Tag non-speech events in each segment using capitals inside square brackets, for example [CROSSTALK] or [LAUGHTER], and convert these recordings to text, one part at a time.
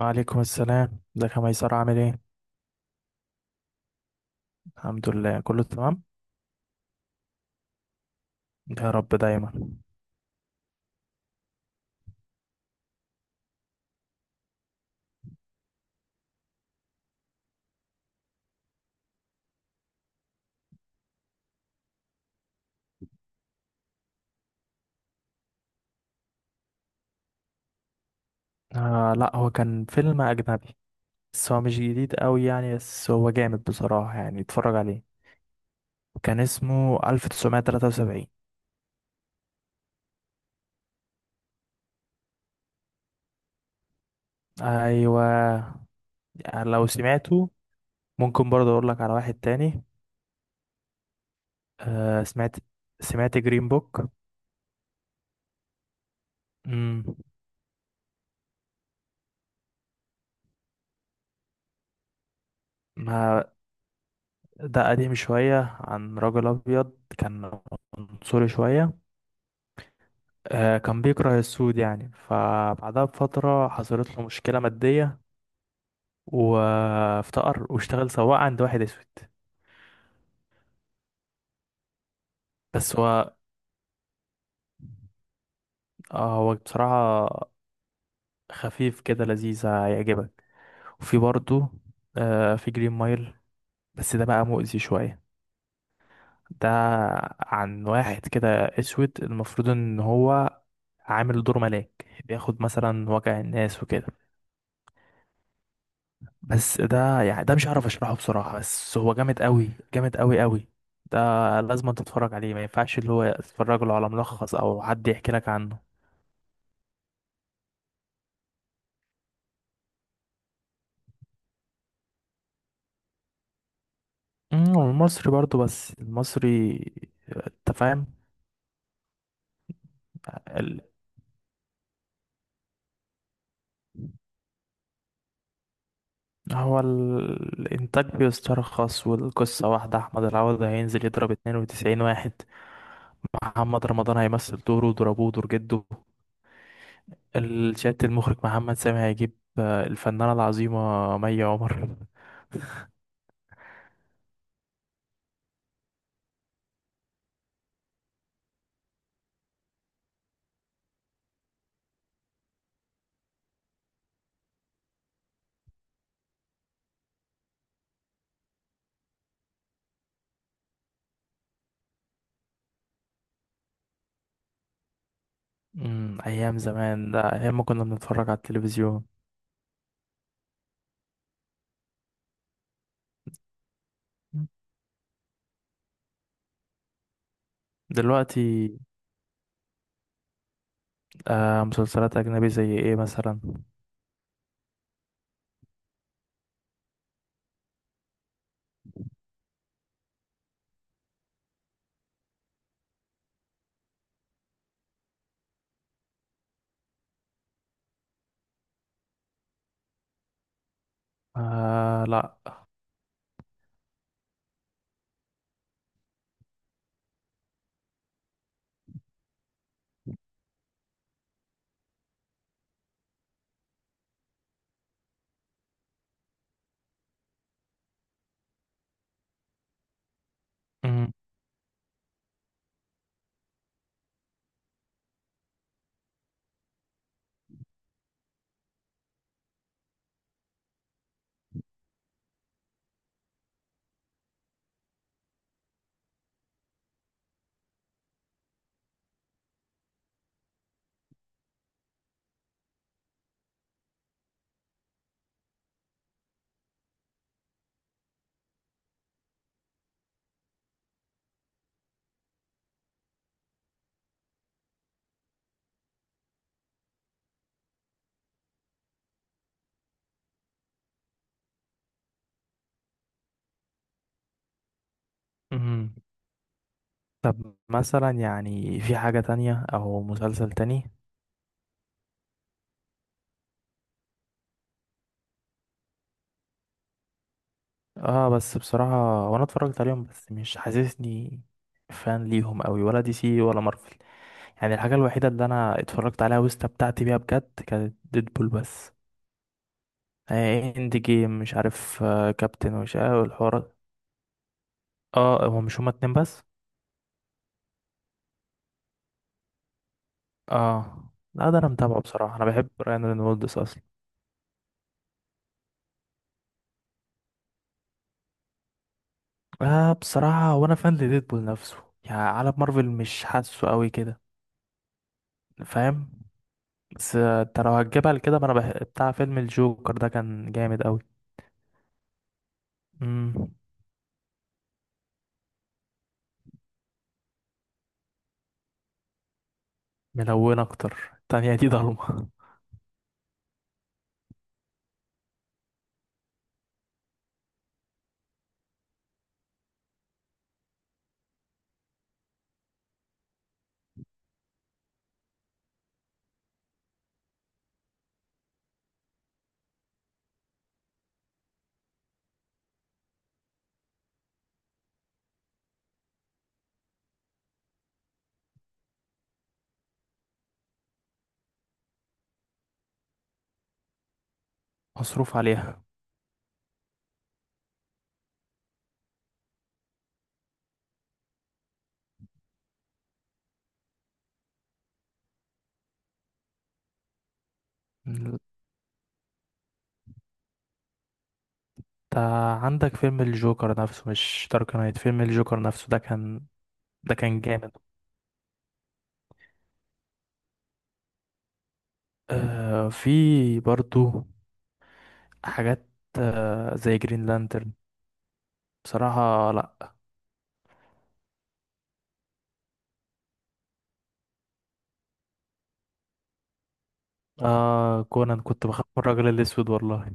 وعليكم السلام. ده كان ميسر عامل ايه؟ الحمد لله كله تمام. يا رب دايما. آه، لا هو كان فيلم اجنبي، بس هو مش جديد قوي يعني، بس هو جامد بصراحة يعني اتفرج عليه. كان اسمه 1973. ايوه، يعني لو سمعته ممكن برضه اقول لك على واحد تاني. آه سمعت جرين بوك. امم، ده قديم شوية عن رجل أبيض، كان عنصري شوية. كان بيكره السود يعني، فبعدها بفترة حصلت له مشكلة مادية وافتقر واشتغل سواق عند واحد أسود. بس هو هو بصراحة خفيف كده لذيذ هيعجبك. وفي برضه في جرين مايل، بس ده بقى مؤذي شوية. ده عن واحد كده أسود، المفروض إن هو عامل دور ملاك بياخد مثلا وجع الناس وكده. بس ده يعني ده مش هعرف اشرحه بصراحة، بس هو جامد قوي جامد قوي قوي. ده لازم تتفرج عليه، ما ينفعش اللي هو تتفرج له على ملخص او حد يحكي لك عنه. أمم، والمصري برضو بس المصري انت فاهم. ال... هو الانتاج بيسترخص والقصة واحدة، احمد العوضي هينزل يضرب 92 واحد، محمد رمضان هيمثل دوره ضربوه دور جده، الشات المخرج محمد سامي هيجيب الفنانة العظيمة مي عمر. امم، ايام زمان ده ايام ما كنا بنتفرج على التلفزيون. مم. دلوقتي. آه مسلسلات اجنبي زي ايه مثلا؟ آه لا. امم. امم. طب مثلا يعني في حاجة تانية او مسلسل تاني؟ اه بس بصراحة وانا اتفرجت عليهم، بس مش حاسسني فان ليهم قوي، ولا دي سي ولا مارفل. يعني الحاجة الوحيدة اللي انا اتفرجت عليها واستمتعت بيها بجد كانت ديدبول بس. آه اند جيم مش عارف، آه كابتن وش، آه والحوارات. اه هو مش هما اتنين بس؟ اه لا، ده انا متابعه بصراحة، انا بحب رايان رينولدز اصلا. اه بصراحة وانا فان لديدبول نفسه، يعني عالم مارفل مش حاسه قوي كده فاهم. بس انت لو هتجيبها لكده ما انا بتاع فيلم الجوكر، ده كان جامد قوي. امم، ملون اكتر، التانية دي ضلمة. [LAUGHS] مصروف عليها. انت عندك فيلم الجوكر نفسه، مش دارك نايت، فيلم الجوكر نفسه ده كان، ده كان جامد. آه في برضو حاجات، زي جرين لانترن. بصراحة لا. اه. آه كونان، كنت بخاف من الراجل الأسود والله.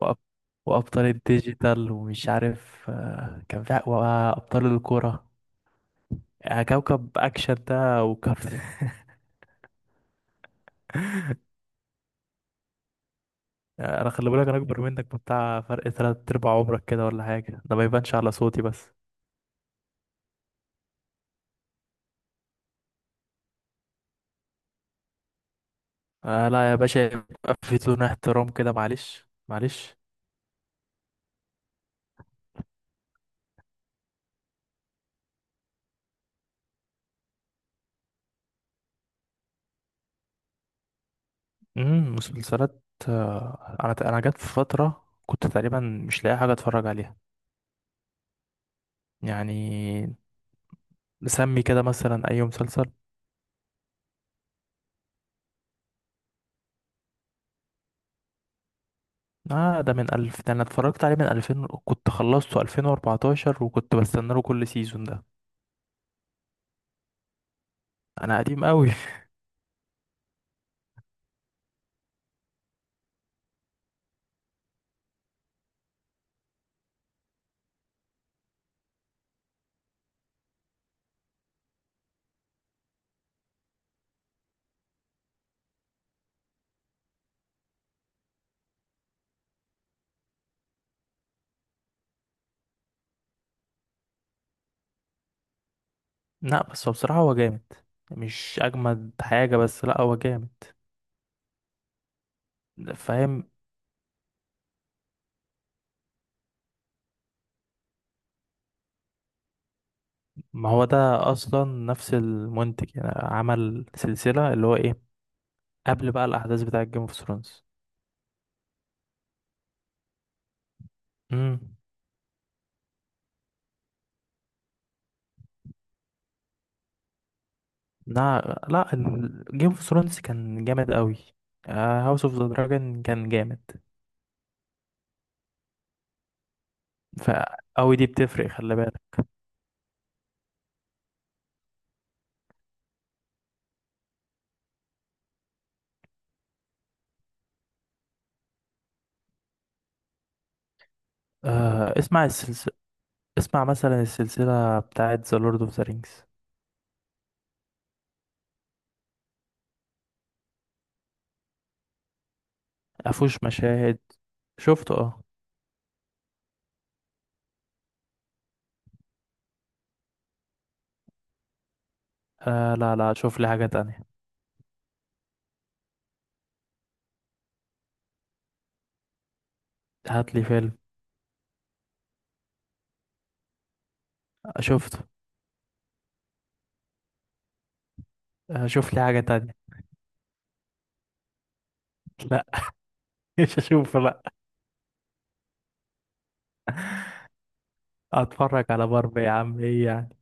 وأب... وأبطال الديجيتال ومش عارف، آه كان في وأبطال الكورة. آه كوكب أكشن ده وكارت. آه أنا خلي بالك، أنا أكبر منك بتاع، فرق تلات أرباع عمرك كده ولا حاجة، ده ما يبانش على صوتي بس. آه لا يا باشا، يبقى في تون احترام كده، معلش معلش. مسلسلات. آه أنا جت في فترة كنت تقريبا مش لاقي حاجة أتفرج عليها. يعني نسمي كده مثلا أي مسلسل. آه ده من ألف، ده أنا اتفرجت عليه من 2000، كنت خلصته 2014، وكنت بستنى له كل سيزون ده. أنا قديم أوي. [LAUGHS] لأ بس هو بصراحة هو جامد، مش أجمد حاجة، بس لأ هو جامد فاهم. ما هو ده أصلا نفس المنتج، يعني عمل سلسلة اللي هو إيه قبل بقى الأحداث بتاعة جيم اوف ثرونز. امم. لا لا، جيم اوف ثرونز كان جامد أوي، هاوس اوف ذا دراجون كان جامد. ف أوي دي بتفرق خلي بالك. آه اسمع السلسلة، اسمع مثلا السلسلة بتاعت The Lord of the Rings. مفهوش مشاهد، شفته اه. لا لا، شوف لي حاجة تانية. هات لي فيلم. آه شفته. آه، شوف لي حاجة تانية. لا. [LAUGHS] مش هشوفه لا. اتفرج على باربي يا عم ايه يعني.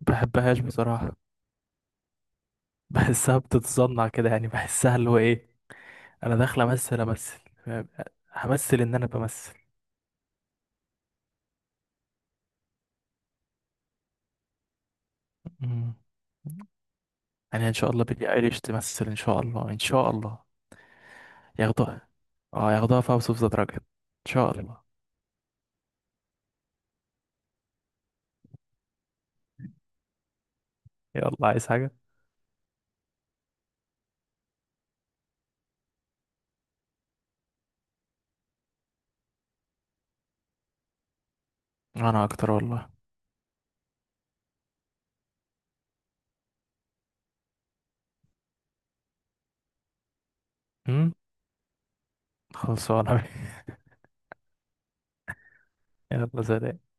بحبهاش بصراحة، بحسها بتتصنع كده، يعني بحسها اللي هو ايه، انا داخل امثل امثل فاهم؟ همثل ان انا بمثل. مم. يعني ان شاء الله بيلي ايليش تمثل، ان شاء الله ان شاء الله ياخدوها. اه ياخدوها في هاوس اوف ذا دراجون ان شاء الله. يلا عايز حاجة. انا اكتر والله. امم، خلصانه. [LAUGHS] يلا سلام.